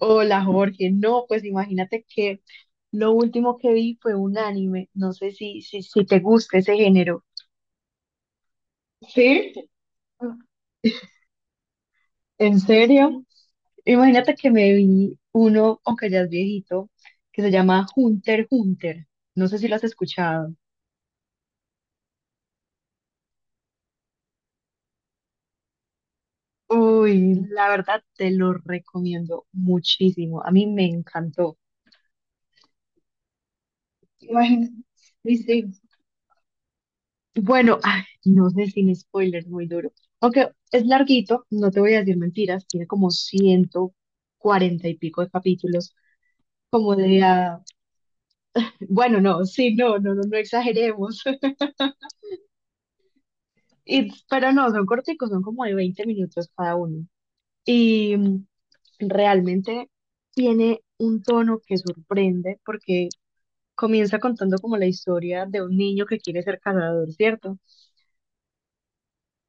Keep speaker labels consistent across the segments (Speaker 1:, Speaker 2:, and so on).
Speaker 1: Hola Jorge, no, pues imagínate que lo último que vi fue un anime, no sé si te gusta ese género. Sí. ¿En serio? Imagínate que me vi uno, aunque ya es viejito, que se llama Hunter x Hunter, no sé si lo has escuchado. Uy, la verdad te lo recomiendo muchísimo, a mí me encantó. Imagínate. Bueno, ay, no sé, sin spoilers, muy duro. Aunque es larguito, no te voy a decir mentiras, tiene como 140 y pico de capítulos, como de, bueno, no, sí, no exageremos. Y, pero no, son corticos, son como de 20 minutos cada uno. Y mm, realmente tiene un tono que sorprende porque comienza contando como la historia de un niño que quiere ser cazador, ¿cierto?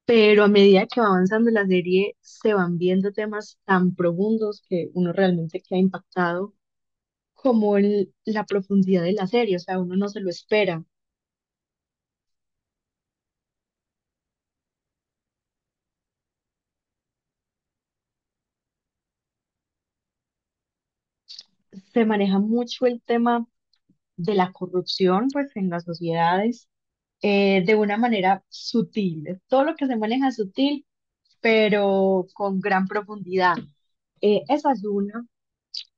Speaker 1: Pero a medida que va avanzando la serie se van viendo temas tan profundos que uno realmente queda impactado como la profundidad de la serie, o sea, uno no se lo espera. Se maneja mucho el tema de la corrupción, pues, en las sociedades, de una manera sutil. Todo lo que se maneja es sutil, pero con gran profundidad. Esa es una.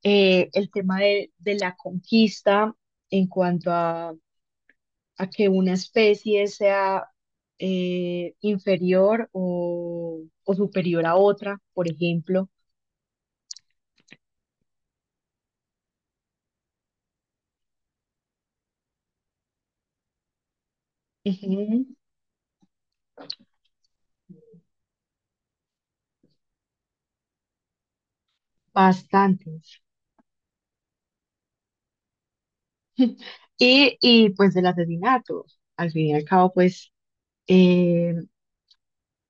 Speaker 1: El tema de la conquista en cuanto a que una especie sea inferior o superior a otra, por ejemplo. Ujú. Bastantes. Y pues del asesinato. Al fin y al cabo, pues eh,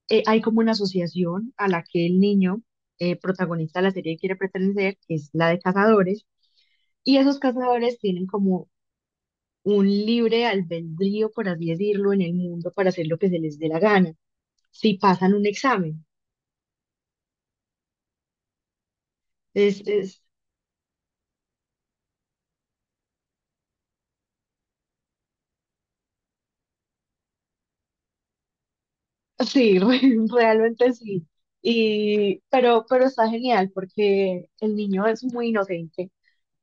Speaker 1: hay como una asociación a la que el niño protagonista de la serie quiere pertenecer, que es la de cazadores, y esos cazadores tienen como un libre albedrío, por así decirlo, en el mundo para hacer lo que se les dé la gana, si pasan un examen. Sí, realmente sí. Y, pero está genial porque el niño es muy inocente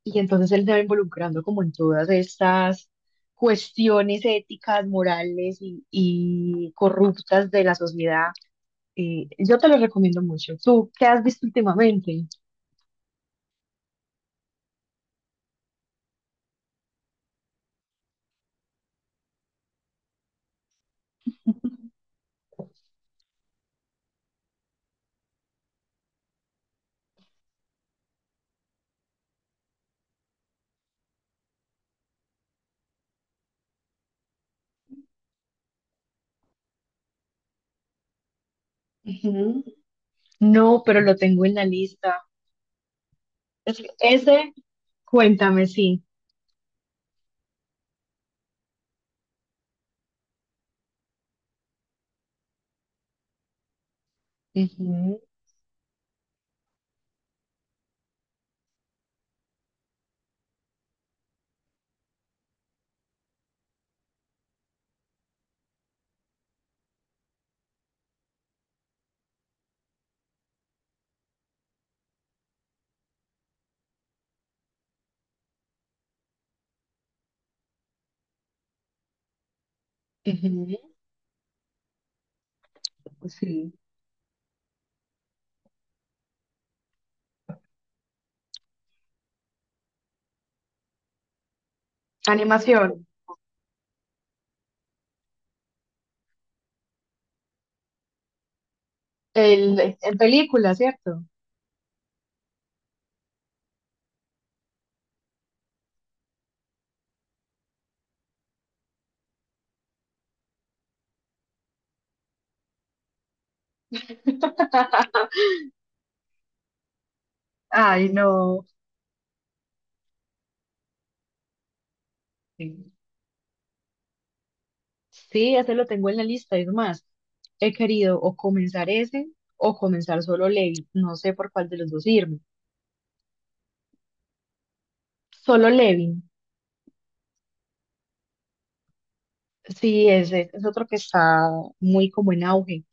Speaker 1: y entonces él se va involucrando como en todas estas cuestiones éticas, morales y corruptas de la sociedad. Y yo te lo recomiendo mucho. ¿Tú qué has visto últimamente? Ujú. No, pero lo tengo en la lista. Ese, cuéntame, sí. Ujú, ujú. Sí. Animación. El, ¿en película, cierto? Ay, no. Sí. Sí, ese lo tengo en la lista. Es más, he querido o comenzar ese o comenzar solo Levin. No sé por cuál de los dos irme. Solo Levin. Sí, ese es otro que está muy como en auge.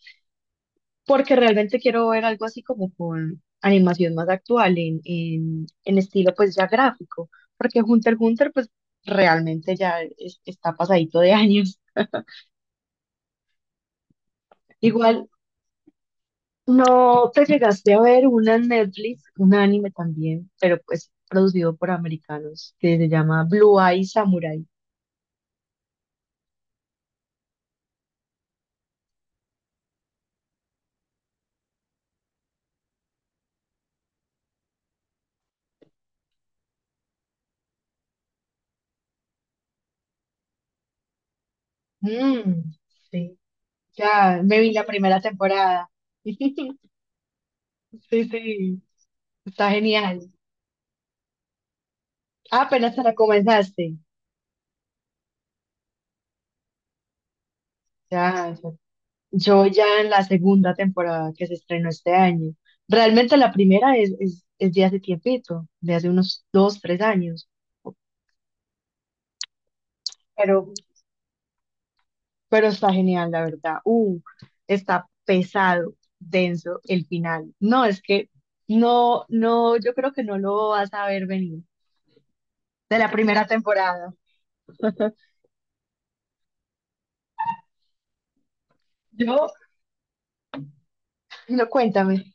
Speaker 1: Porque realmente quiero ver algo así como con animación más actual, en estilo pues ya gráfico. Porque Hunter x Hunter pues realmente ya está pasadito de años. Igual, no te llegaste a ver una en Netflix, un anime también, pero pues producido por americanos, que se llama Blue Eye Samurai. Mm, sí, ya me vi la primera temporada. Sí, sí, está genial. Ah, apenas te la comenzaste. Ya, ya. Yo ya en la segunda temporada que se estrenó este año. Realmente la primera es de hace tiempito, de hace unos dos, tres años. Pero pero está genial, la verdad. Está pesado, denso el final. No, es que no, no, yo creo que no lo vas a ver venir de la primera temporada. Yo, no, cuéntame.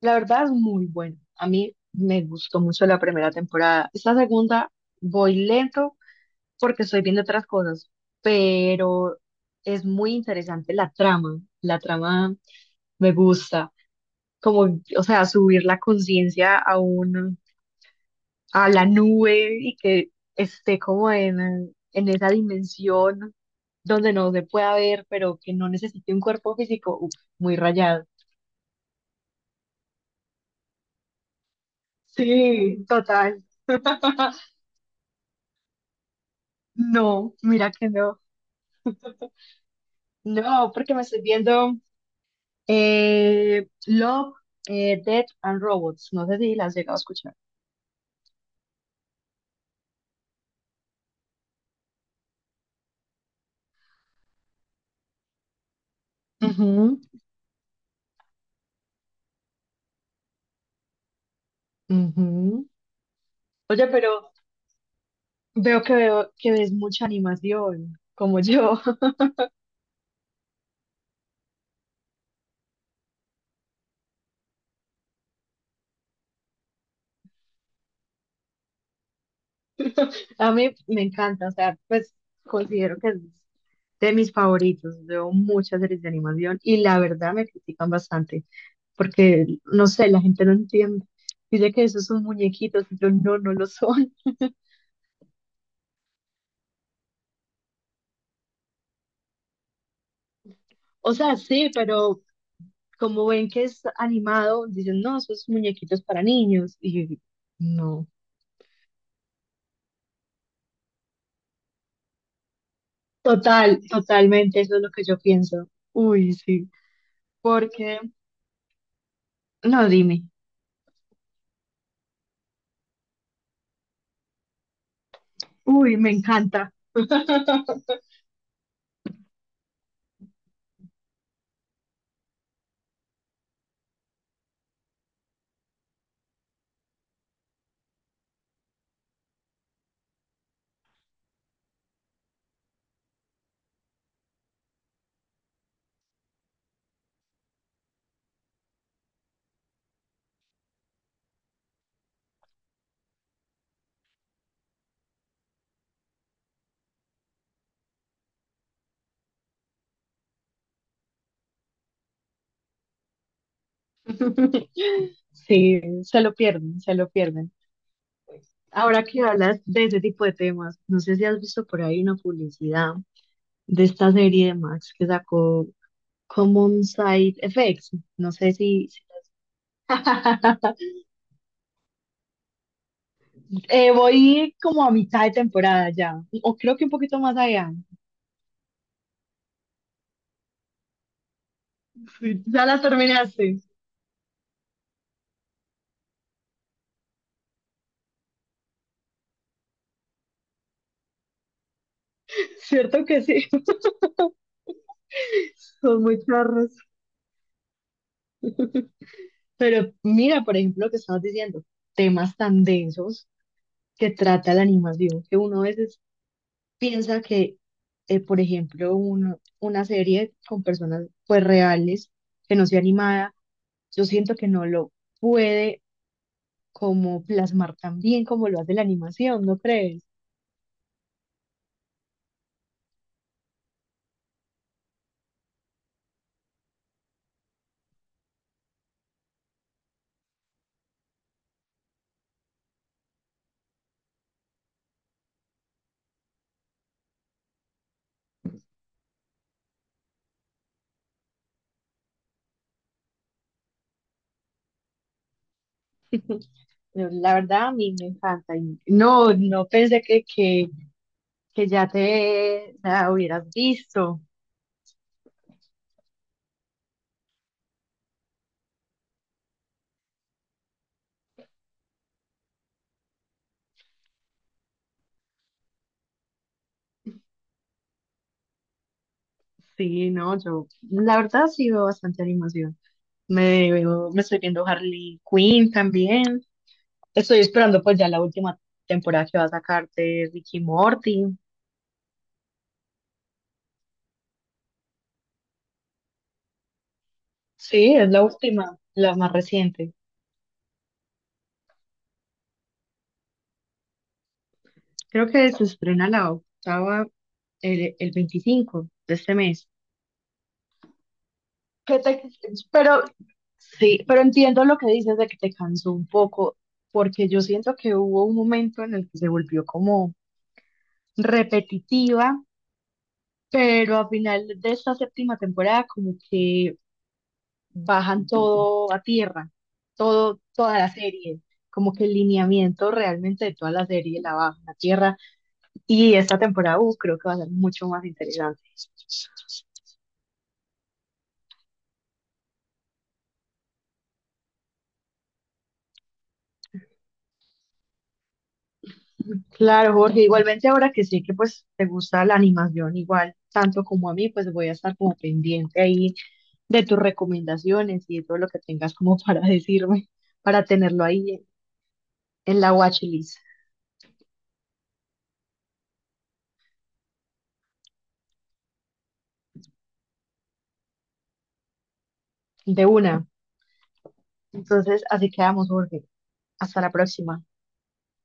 Speaker 1: La verdad es muy bueno. A mí me gustó mucho la primera temporada. Esta segunda voy lento porque estoy viendo otras cosas, pero es muy interesante la trama. La trama me gusta. Como, o sea, subir la conciencia a un a la nube y que esté como en esa dimensión donde no se pueda ver, pero que no necesite un cuerpo físico, uf, muy rayado. Sí, total. No, mira que no. No, porque me estoy viendo Love, Death and Robots. No sé si las has llegado a escuchar. Ujú, ujú. Oye, pero veo que ves mucha animación, como yo. A mí me encanta, o sea, pues considero que de mis favoritos. Veo muchas series de animación y la verdad me critican bastante porque, no sé, la gente no entiende. Dice que esos son muñequitos, y yo no, no lo son. O sea, sí, pero como ven que es animado, dicen, no, esos muñequitos para niños. Y yo, no, total, totalmente, eso es lo que yo pienso. Uy, sí, porque, no, dime, uy, me encanta. Sí, se lo pierden, se lo pierden. Ahora que hablas de ese tipo de temas, no sé si has visto por ahí una publicidad de esta serie de Max que sacó Common Side Effects. No sé si... voy como a mitad de temporada ya, o creo que un poquito más allá. Sí, ya la terminaste, ¿cierto que sí? Son muy charros. Pero mira, por ejemplo, lo que estabas diciendo, temas tan densos que trata la animación, que uno a veces piensa que, por ejemplo, una serie con personas pues reales, que no sea animada, yo siento que no lo puede como plasmar tan bien como lo hace la animación, ¿no crees? Pero la verdad a mí me encanta. Y no, no pensé que, que ya te la hubieras visto. Sí, no, yo la verdad sí veo bastante animación. Me estoy viendo Harley Quinn también. Estoy esperando pues ya la última temporada que va a sacar de Ricky Morty. Sí, es la última, la más reciente. Creo que se estrena la octava el 25 de este mes. Que te- pero sí, pero entiendo lo que dices de que te cansó un poco, porque yo siento que hubo un momento en el que se volvió como repetitiva, pero al final de esta séptima temporada como que bajan todo a tierra, todo, toda la serie, como que el lineamiento realmente de toda la serie la bajan a tierra y esta temporada creo que va a ser mucho más interesante. Claro, Jorge, igualmente ahora que sé que pues te gusta la animación igual tanto como a mí, pues voy a estar como pendiente ahí de tus recomendaciones y de todo lo que tengas como para decirme, para tenerlo ahí en la watchlist de una. Entonces, así quedamos, Jorge. Hasta la próxima.